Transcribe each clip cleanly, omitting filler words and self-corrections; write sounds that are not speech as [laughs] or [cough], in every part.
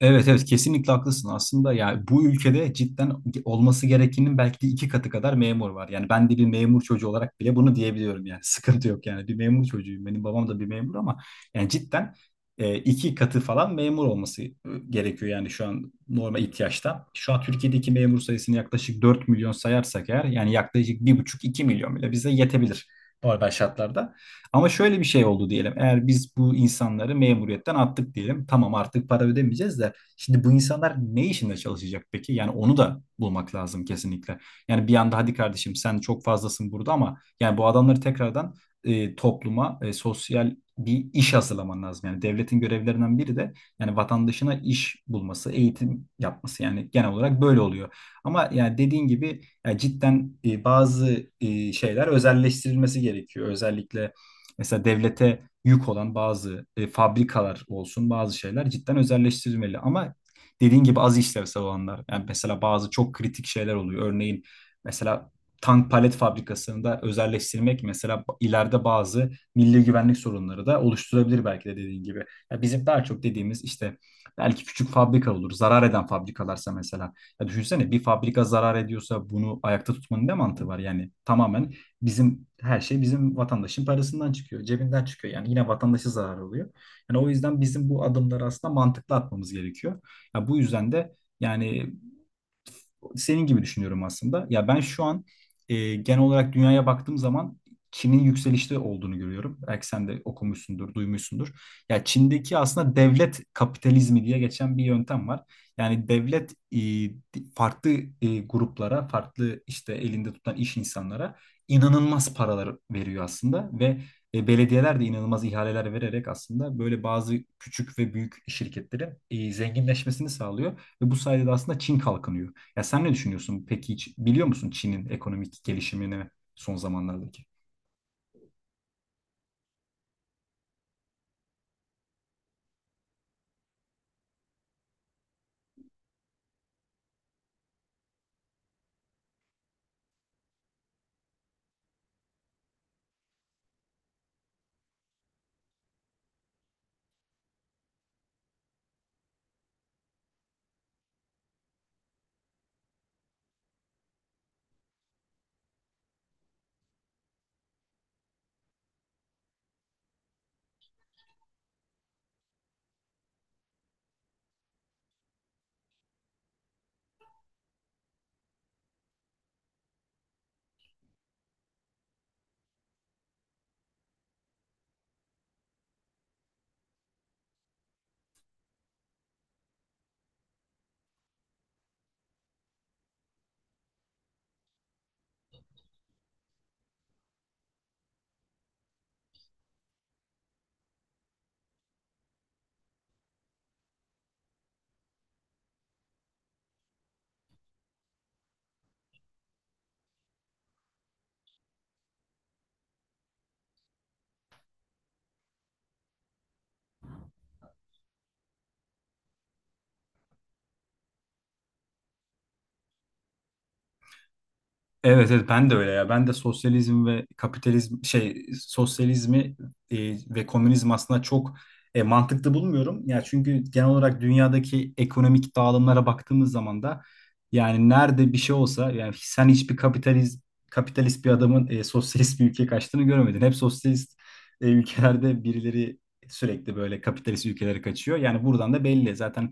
Evet evet, kesinlikle haklısın. Aslında yani bu ülkede cidden olması gerekenin belki de iki katı kadar memur var. Yani ben de bir memur çocuğu olarak bile bunu diyebiliyorum yani. [laughs] Sıkıntı yok yani. Bir memur çocuğuyum. Benim babam da bir memur ama yani cidden iki katı falan memur olması gerekiyor yani şu an normal ihtiyaçta. Şu an Türkiye'deki memur sayısını yaklaşık 4 milyon sayarsak eğer yani yaklaşık bir buçuk iki milyon bile bize yetebilir normal şartlarda. Ama şöyle bir şey oldu diyelim. Eğer biz bu insanları memuriyetten attık diyelim. Tamam, artık para ödemeyeceğiz de şimdi bu insanlar ne işinde çalışacak peki? Yani onu da bulmak lazım kesinlikle. Yani bir anda hadi kardeşim sen çok fazlasın burada ama yani bu adamları tekrardan topluma, sosyal bir iş hazırlaman lazım. Yani devletin görevlerinden biri de yani vatandaşına iş bulması, eğitim yapması. Yani genel olarak böyle oluyor. Ama yani dediğin gibi yani cidden bazı şeyler özelleştirilmesi gerekiyor. Özellikle mesela devlete yük olan bazı fabrikalar olsun, bazı şeyler cidden özelleştirilmeli. Ama dediğin gibi az işlevsel olanlar, yani mesela bazı çok kritik şeyler oluyor. Örneğin mesela tank palet fabrikasında özelleştirmek mesela ileride bazı milli güvenlik sorunları da oluşturabilir belki de dediğin gibi. Ya bizim daha çok dediğimiz işte belki küçük fabrika olur, zarar eden fabrikalarsa mesela. Ya düşünsene, bir fabrika zarar ediyorsa bunu ayakta tutmanın ne mantığı var? Yani tamamen. Bizim her şey bizim vatandaşın parasından çıkıyor, cebinden çıkıyor. Yani yine vatandaşı zarar oluyor. Yani o yüzden bizim bu adımları aslında mantıklı atmamız gerekiyor. Ya bu yüzden de yani senin gibi düşünüyorum aslında. Ya ben şu an genel olarak dünyaya baktığım zaman Çin'in yükselişte olduğunu görüyorum. Belki sen de okumuşsundur, duymuşsundur. Ya Çin'deki aslında devlet kapitalizmi diye geçen bir yöntem var. Yani devlet farklı gruplara, farklı işte elinde tutan iş insanlara inanılmaz paralar veriyor aslında ve belediyeler de inanılmaz ihaleler vererek aslında böyle bazı küçük ve büyük şirketlerin zenginleşmesini sağlıyor ve bu sayede de aslında Çin kalkınıyor. Ya sen ne düşünüyorsun? Peki hiç biliyor musun Çin'in ekonomik gelişimini son zamanlardaki? Evet, evet ben de öyle ya. Ben de sosyalizm ve kapitalizm şey sosyalizmi ve komünizm aslında çok mantıklı bulmuyorum. Ya çünkü genel olarak dünyadaki ekonomik dağılımlara baktığımız zaman da yani nerede bir şey olsa yani sen hiçbir kapitalist bir adamın sosyalist bir ülkeye kaçtığını görmedin. Hep sosyalist ülkelerde birileri sürekli böyle kapitalist ülkelere kaçıyor. Yani buradan da belli. Zaten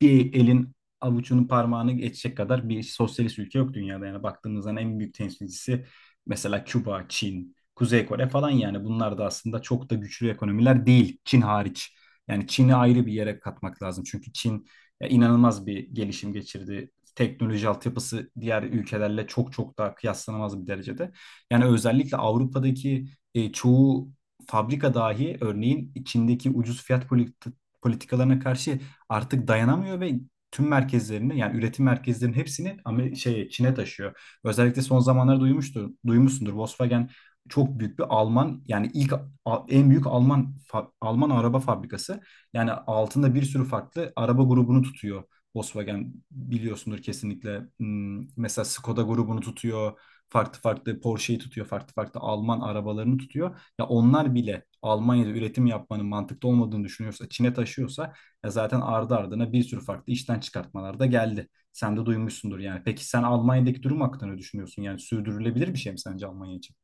bir elin avucunun parmağını geçecek kadar bir sosyalist ülke yok dünyada. Yani baktığımızda en büyük temsilcisi mesela Küba, Çin, Kuzey Kore falan, yani bunlar da aslında çok da güçlü ekonomiler değil, Çin hariç. Yani Çin'i ayrı bir yere katmak lazım. Çünkü Çin ya, inanılmaz bir gelişim geçirdi. Teknoloji altyapısı diğer ülkelerle çok çok daha kıyaslanamaz bir derecede. Yani özellikle Avrupa'daki çoğu fabrika dahi örneğin Çin'deki ucuz fiyat politikalarına karşı artık dayanamıyor ve tüm merkezlerini yani üretim merkezlerinin hepsini ama şey Çin'e taşıyor. Özellikle son zamanlarda duymuştur, duymuşsundur. Volkswagen çok büyük bir Alman yani en büyük Alman Alman araba fabrikası. Yani altında bir sürü farklı araba grubunu tutuyor. Volkswagen biliyorsundur kesinlikle. Mesela Skoda grubunu tutuyor. Farklı farklı Porsche'yi tutuyor. Farklı farklı Alman arabalarını tutuyor. Ya onlar bile Almanya'da üretim yapmanın mantıklı olmadığını düşünüyorsa, Çin'e taşıyorsa, e zaten ardı ardına bir sürü farklı işten çıkartmalar da geldi. Sen de duymuşsundur yani. Peki sen Almanya'daki durum hakkında ne düşünüyorsun? Yani sürdürülebilir bir şey mi sence Almanya için?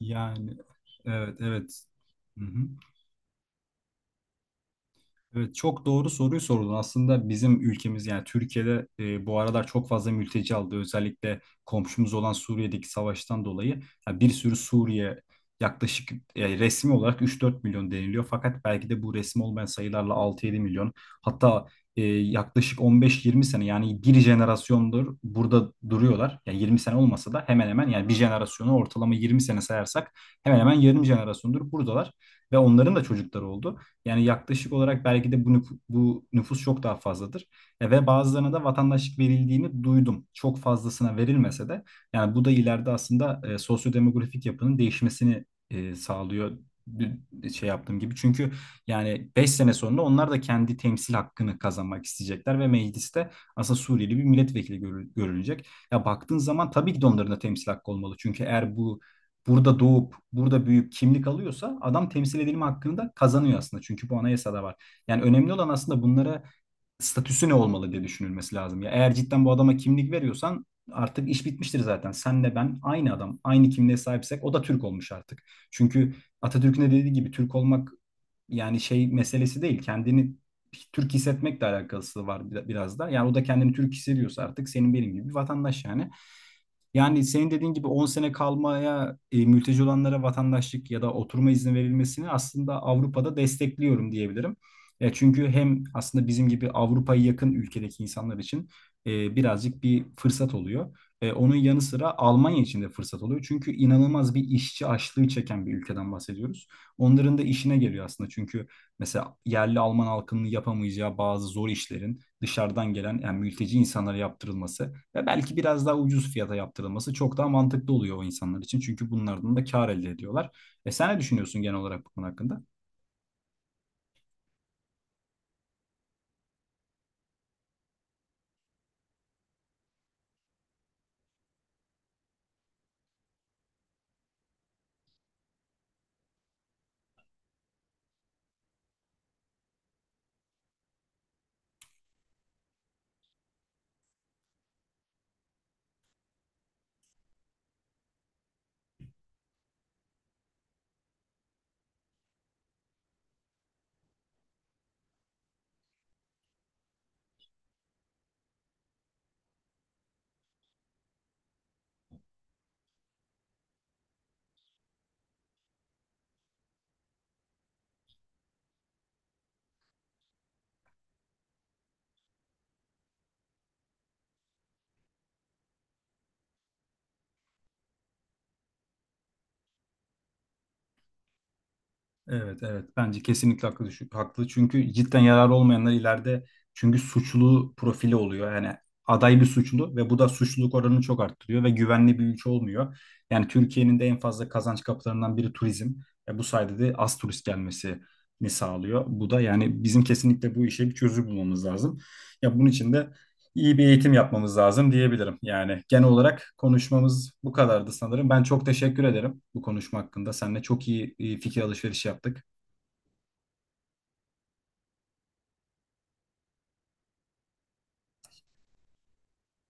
Yani evet, evet. Hı hı. Evet, çok doğru soruyu sordun. Aslında bizim ülkemiz yani Türkiye'de bu aralar çok fazla mülteci aldı. Özellikle komşumuz olan Suriye'deki savaştan dolayı. Ya bir sürü Suriye, yaklaşık resmi olarak 3-4 milyon deniliyor. Fakat belki de bu resmi olmayan sayılarla 6-7 milyon. Hatta yaklaşık 15-20 sene yani bir jenerasyondur burada duruyorlar. Yani 20 sene olmasa da hemen hemen, yani bir jenerasyonu ortalama 20 sene sayarsak, hemen hemen yarım jenerasyondur buradalar ve onların da çocukları oldu. Yani yaklaşık olarak belki de bu, bu nüfus çok daha fazladır. Ve bazılarına da vatandaşlık verildiğini duydum. Çok fazlasına verilmese de yani bu da ileride aslında sosyodemografik yapının değişmesini sağlıyor şey yaptığım gibi. Çünkü yani 5 sene sonra onlar da kendi temsil hakkını kazanmak isteyecekler ve mecliste aslında Suriyeli bir milletvekili görülecek. Ya baktığın zaman tabii ki de onların da temsil hakkı olmalı. Çünkü eğer bu burada doğup burada büyüyüp kimlik alıyorsa adam temsil edilme hakkını da kazanıyor aslında. Çünkü bu anayasada var. Yani önemli olan aslında bunlara statüsü ne olmalı diye düşünülmesi lazım. Ya eğer cidden bu adama kimlik veriyorsan artık iş bitmiştir zaten. Senle ben aynı adam, aynı kimliğe sahipsek o da Türk olmuş artık. Çünkü Atatürk'ün de dediği gibi Türk olmak yani şey meselesi değil. Kendini Türk hissetmekle alakası var biraz da. Yani o da kendini Türk hissediyorsa artık senin benim gibi bir vatandaş yani. Yani senin dediğin gibi 10 sene kalmaya mülteci olanlara vatandaşlık ya da oturma izni verilmesini aslında Avrupa'da destekliyorum diyebilirim. Çünkü hem aslında bizim gibi Avrupa'ya yakın ülkedeki insanlar için birazcık bir fırsat oluyor. Onun yanı sıra Almanya için de fırsat oluyor. Çünkü inanılmaz bir işçi açlığı çeken bir ülkeden bahsediyoruz. Onların da işine geliyor aslında. Çünkü mesela yerli Alman halkının yapamayacağı bazı zor işlerin dışarıdan gelen yani mülteci insanlara yaptırılması ve belki biraz daha ucuz fiyata yaptırılması çok daha mantıklı oluyor o insanlar için. Çünkü bunlardan da kâr elde ediyorlar. Sen ne düşünüyorsun genel olarak bu konu hakkında? Evet, evet. Bence kesinlikle haklı, haklı. Çünkü cidden yararı olmayanlar ileride, çünkü suçlu profili oluyor. Yani aday bir suçlu ve bu da suçluluk oranını çok arttırıyor ve güvenli bir ülke olmuyor. Yani Türkiye'nin de en fazla kazanç kapılarından biri turizm. Bu sayede de az turist gelmesini sağlıyor. Bu da yani bizim kesinlikle bu işe bir çözüm bulmamız lazım. Ya bunun için de iyi bir eğitim yapmamız lazım diyebilirim. Yani genel olarak konuşmamız bu kadardı sanırım. Ben çok teşekkür ederim bu konuşma hakkında. Seninle çok iyi fikir alışverişi yaptık.